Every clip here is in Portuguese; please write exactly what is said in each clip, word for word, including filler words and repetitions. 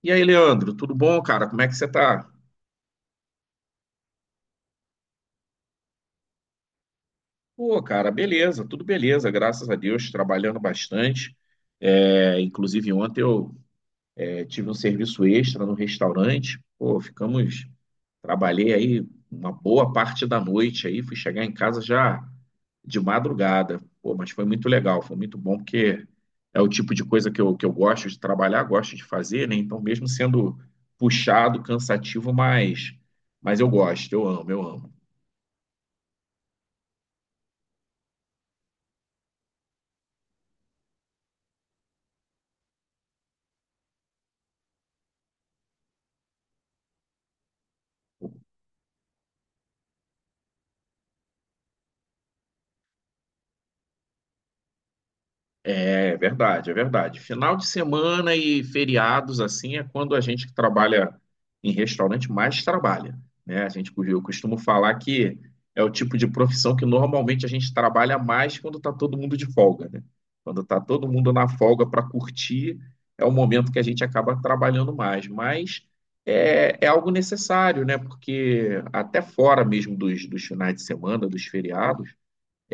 E aí, Leandro, tudo bom, cara? Como é que você tá? Pô, cara, beleza, tudo beleza, graças a Deus, trabalhando bastante. É, inclusive, ontem eu é, tive um serviço extra no restaurante. Pô, ficamos, trabalhei aí uma boa parte da noite aí, fui chegar em casa já de madrugada. Pô, mas foi muito legal, foi muito bom, porque é o tipo de coisa que eu, que eu gosto de trabalhar, gosto de fazer, né? Então, mesmo sendo puxado, cansativo, mas, mas eu gosto, eu amo, eu amo. É verdade, é verdade. Final de semana e feriados, assim, é quando a gente que trabalha em restaurante mais trabalha, né? A gente, eu costumo falar que é o tipo de profissão que normalmente a gente trabalha mais quando está todo mundo de folga, né? Quando está todo mundo na folga para curtir, é o momento que a gente acaba trabalhando mais. Mas é, é algo necessário, né? Porque até fora mesmo dos, dos finais de semana, dos feriados,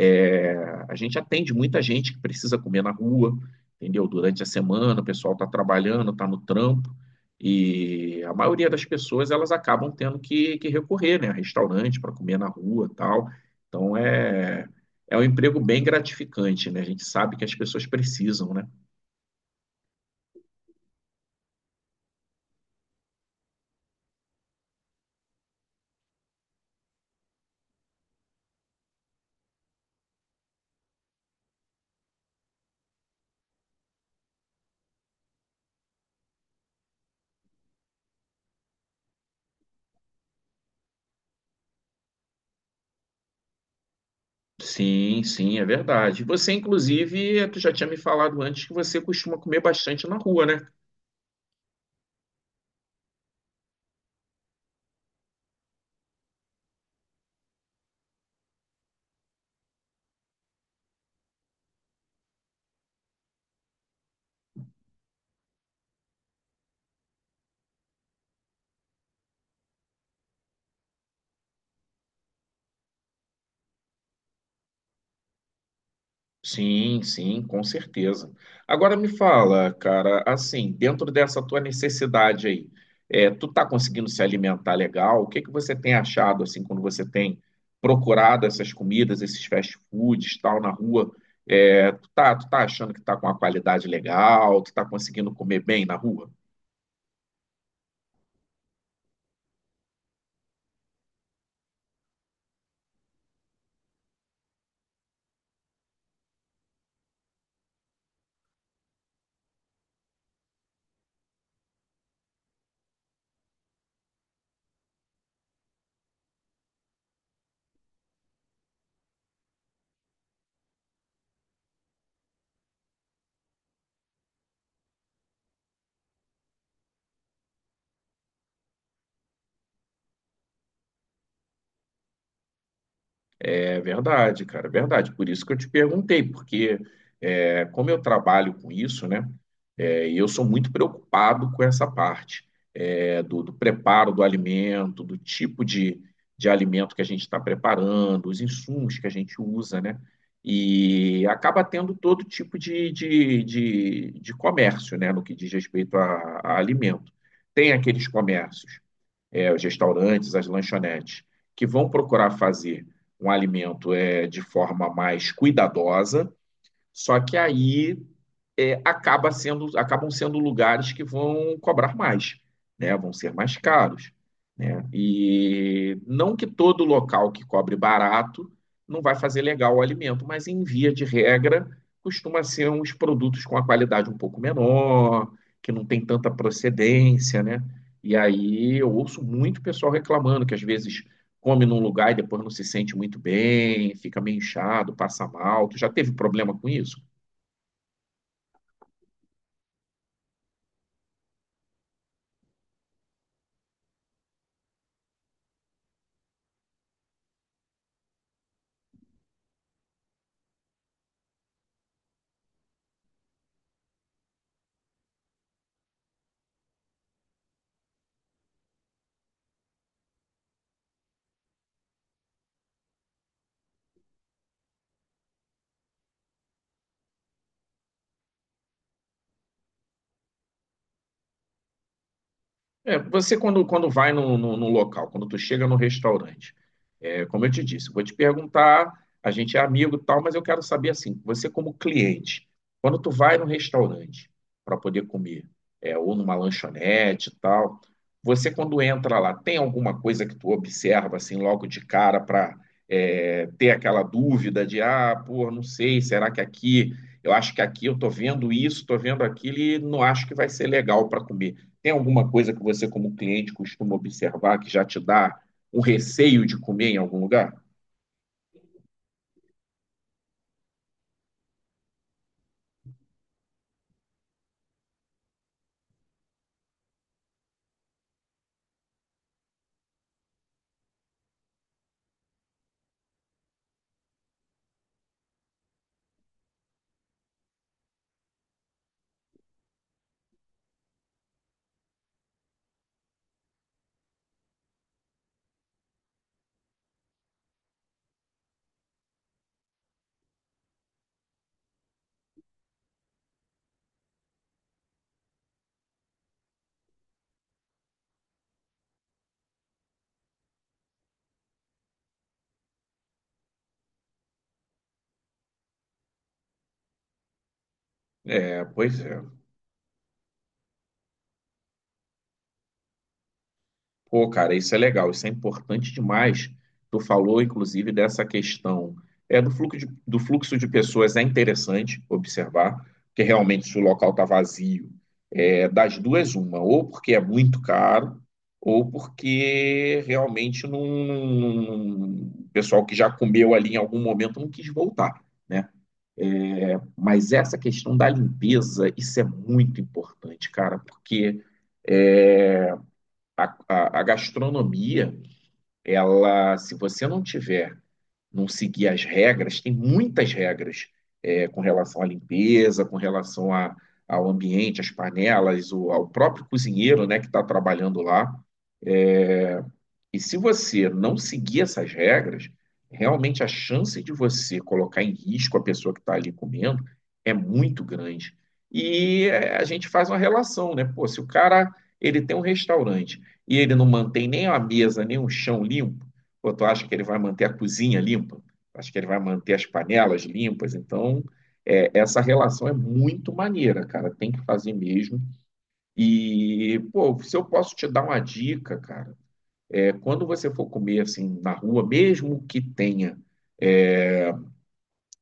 é, a gente atende muita gente que precisa comer na rua, entendeu? Durante a semana, o pessoal está trabalhando, está no trampo, e a maioria das pessoas elas acabam tendo que, que recorrer, né, a restaurante para comer na rua, tal. Então é é um emprego bem gratificante, né? A gente sabe que as pessoas precisam, né? Sim, sim, é verdade. Você, inclusive, tu já tinha me falado antes que você costuma comer bastante na rua, né? Sim, sim, com certeza. Agora me fala, cara, assim, dentro dessa tua necessidade aí, é, tu tá conseguindo se alimentar legal? O que que você tem achado, assim, quando você tem procurado essas comidas, esses fast foods, tal, na rua? É, tu tá, tu tá achando que tá com uma qualidade legal? Tu tá conseguindo comer bem na rua? É verdade, cara, é verdade. Por isso que eu te perguntei, porque é, como eu trabalho com isso, né, é, e eu sou muito preocupado com essa parte. É, do, do, preparo do alimento, do tipo de, de alimento que a gente está preparando, os insumos que a gente usa, né? E acaba tendo todo tipo de, de, de, de comércio, né? No que diz respeito a, a alimento. Tem aqueles comércios, é, os restaurantes, as lanchonetes, que vão procurar fazer um alimento é, de forma mais cuidadosa, só que aí é, acaba sendo, acabam sendo lugares que vão cobrar mais, né? Vão ser mais caros, né? E não que todo local que cobre barato não vai fazer legal o alimento, mas em via de regra costuma ser uns produtos com a qualidade um pouco menor, que não tem tanta procedência, né? E aí eu ouço muito pessoal reclamando que às vezes come num lugar e depois não se sente muito bem, fica meio inchado, passa mal. Tu já teve problema com isso? É, você quando, quando vai num, num, num local, quando tu chega no restaurante, é, como eu te disse, eu vou te perguntar, a gente é amigo e tal, mas eu quero saber assim, você como cliente, quando tu vai num restaurante para poder comer, é, ou numa lanchonete e tal, você quando entra lá, tem alguma coisa que tu observa assim logo de cara para ter aquela dúvida de, ah, pô, não sei, será que aqui, eu acho que aqui eu tô vendo isso, tô vendo aquilo e não acho que vai ser legal para comer. Tem alguma coisa que você, como cliente, costuma observar que já te dá um receio de comer em algum lugar? É, pois é. Pô, cara, isso é legal, isso é importante demais. Tu falou, inclusive, dessa questão é, do fluxo de, do fluxo de pessoas, é interessante observar, porque realmente se o local está vazio, é, das duas, uma, ou porque é muito caro, ou porque realmente não, não- não- o pessoal que já comeu ali em algum momento não quis voltar, né? Mas essa questão da limpeza, isso é muito importante, cara, porque a, a, a gastronomia, ela, se você não tiver, não seguir as regras, tem muitas regras é, com relação à limpeza, com relação a, ao ambiente, às panelas, o, ao próprio cozinheiro, né, que está trabalhando lá. E se você não seguir essas regras, realmente a chance de você colocar em risco a pessoa que está ali comendo é muito grande. E é, a gente faz uma relação, né? Pô, se o cara ele tem um restaurante e ele não mantém nem a mesa, nem o chão limpo, pô, tu acha que ele vai manter a cozinha limpa? Acho que ele vai manter as panelas limpas. Então, é, essa relação é muito maneira, cara. Tem que fazer mesmo. E, pô, se eu posso te dar uma dica, cara, é, quando você for comer assim na rua, mesmo que tenha,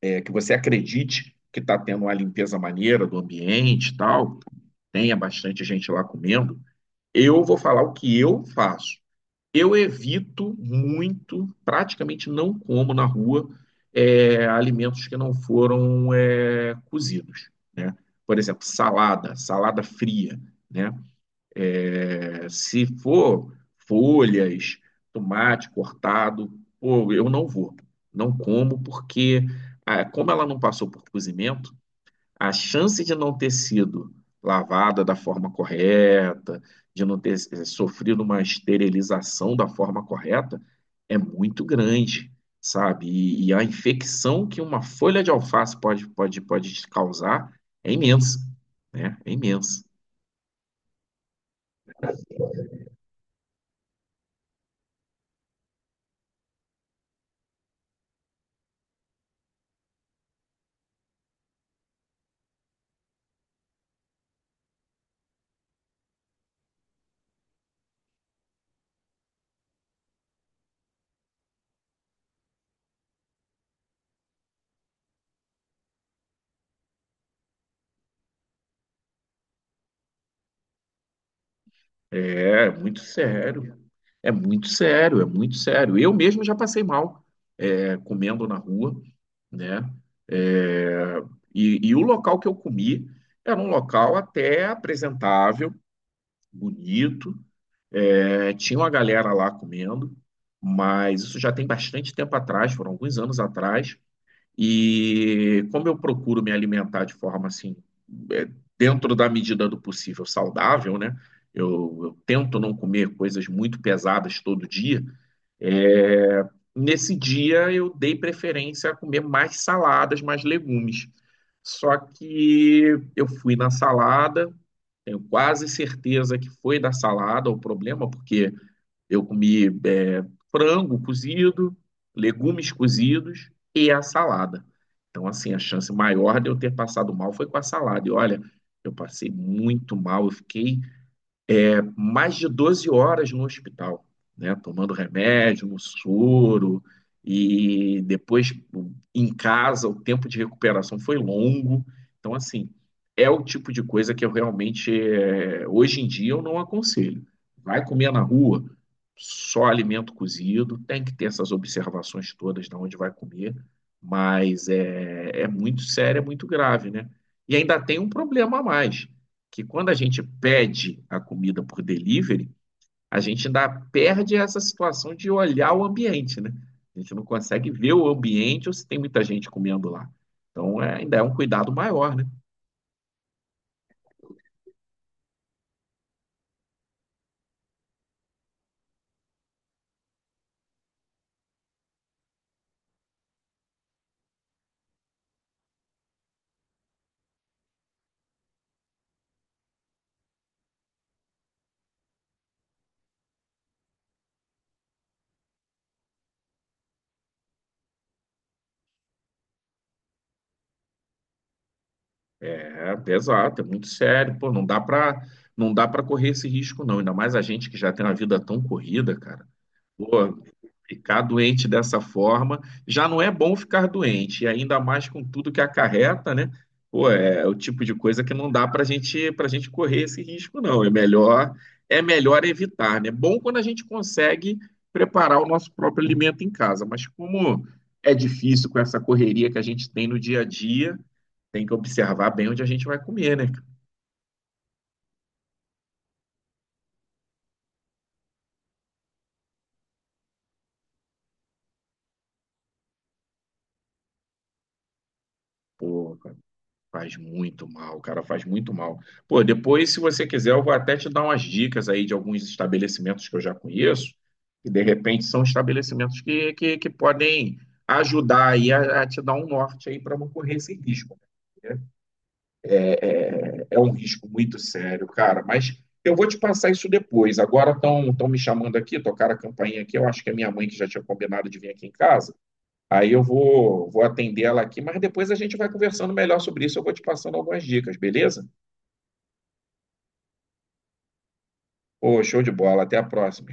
é, que você acredite que está tendo uma limpeza maneira do ambiente e tal, tenha bastante gente lá comendo, eu vou falar o que eu faço. Eu evito muito, praticamente não como na rua é, alimentos que não foram é, cozidos, né? Por exemplo, salada, salada fria, né? Se for folhas, tomate cortado, pô, eu não vou. Não como, porque ah, como ela não passou por cozimento, a chance de não ter sido lavada da forma correta, de não ter eh, sofrido uma esterilização da forma correta, é muito grande, sabe? E, e a infecção que uma folha de alface pode, pode, pode te causar é imensa, né? É imensa. É é muito sério. É muito sério, é muito sério. Eu mesmo já passei mal é, comendo na rua, né? É, e, e o local que eu comi era um local até apresentável, bonito. É, tinha uma galera lá comendo, mas isso já tem bastante tempo atrás, foram alguns anos atrás. E como eu procuro me alimentar de forma assim, é, dentro da medida do possível saudável, né? Eu, eu tento não comer coisas muito pesadas todo dia. É, nesse dia eu dei preferência a comer mais saladas, mais legumes. Só que eu fui na salada, tenho quase certeza que foi da salada o problema, porque eu comi é, frango cozido, legumes cozidos e a salada. Então, assim, a chance maior de eu ter passado mal foi com a salada. E olha, eu passei muito mal, eu fiquei mais de doze horas no hospital, né? Tomando remédio, no soro, e depois em casa, o tempo de recuperação foi longo. Então, assim, é o tipo de coisa que eu realmente, é, hoje em dia, eu não aconselho. Vai comer na rua, só alimento cozido, tem que ter essas observações todas de onde vai comer, mas é, é muito sério, é muito grave, né? E ainda tem um problema a mais que quando a gente pede a comida por delivery, a gente ainda perde essa situação de olhar o ambiente, né? A gente não consegue ver o ambiente ou se tem muita gente comendo lá. Então, é- ainda é um cuidado maior, né? É pesado, é muito sério, pô, não dá para não dá para correr esse risco não, ainda mais a gente que já tem uma vida tão corrida, cara. Pô, ficar doente dessa forma já não é bom ficar doente, e ainda mais com tudo que acarreta, né? Pô, é o tipo de coisa que não dá para gente, para gente correr esse risco, não. É melhor, é melhor evitar, né? Bom quando a gente consegue preparar o nosso próprio alimento em casa, mas como é difícil com essa correria que a gente tem no dia a dia, tem que observar bem onde a gente vai comer, né? Pô, faz muito mal, cara, faz muito mal. Pô, depois, se você quiser, eu vou até te dar umas dicas aí de alguns estabelecimentos que eu já conheço, que de repente são estabelecimentos que, que, que podem ajudar aí a, a te dar um norte aí para não correr esse risco. Né? É um risco muito sério, cara, mas eu vou te passar isso depois. Agora estão estão me chamando aqui, tocaram a campainha aqui, eu acho que é minha mãe que já tinha combinado de vir aqui em casa. Aí eu vou, vou atender ela aqui, mas depois a gente vai conversando melhor sobre isso. Eu vou te passando algumas dicas, beleza? Ô, show de bola. Até a próxima.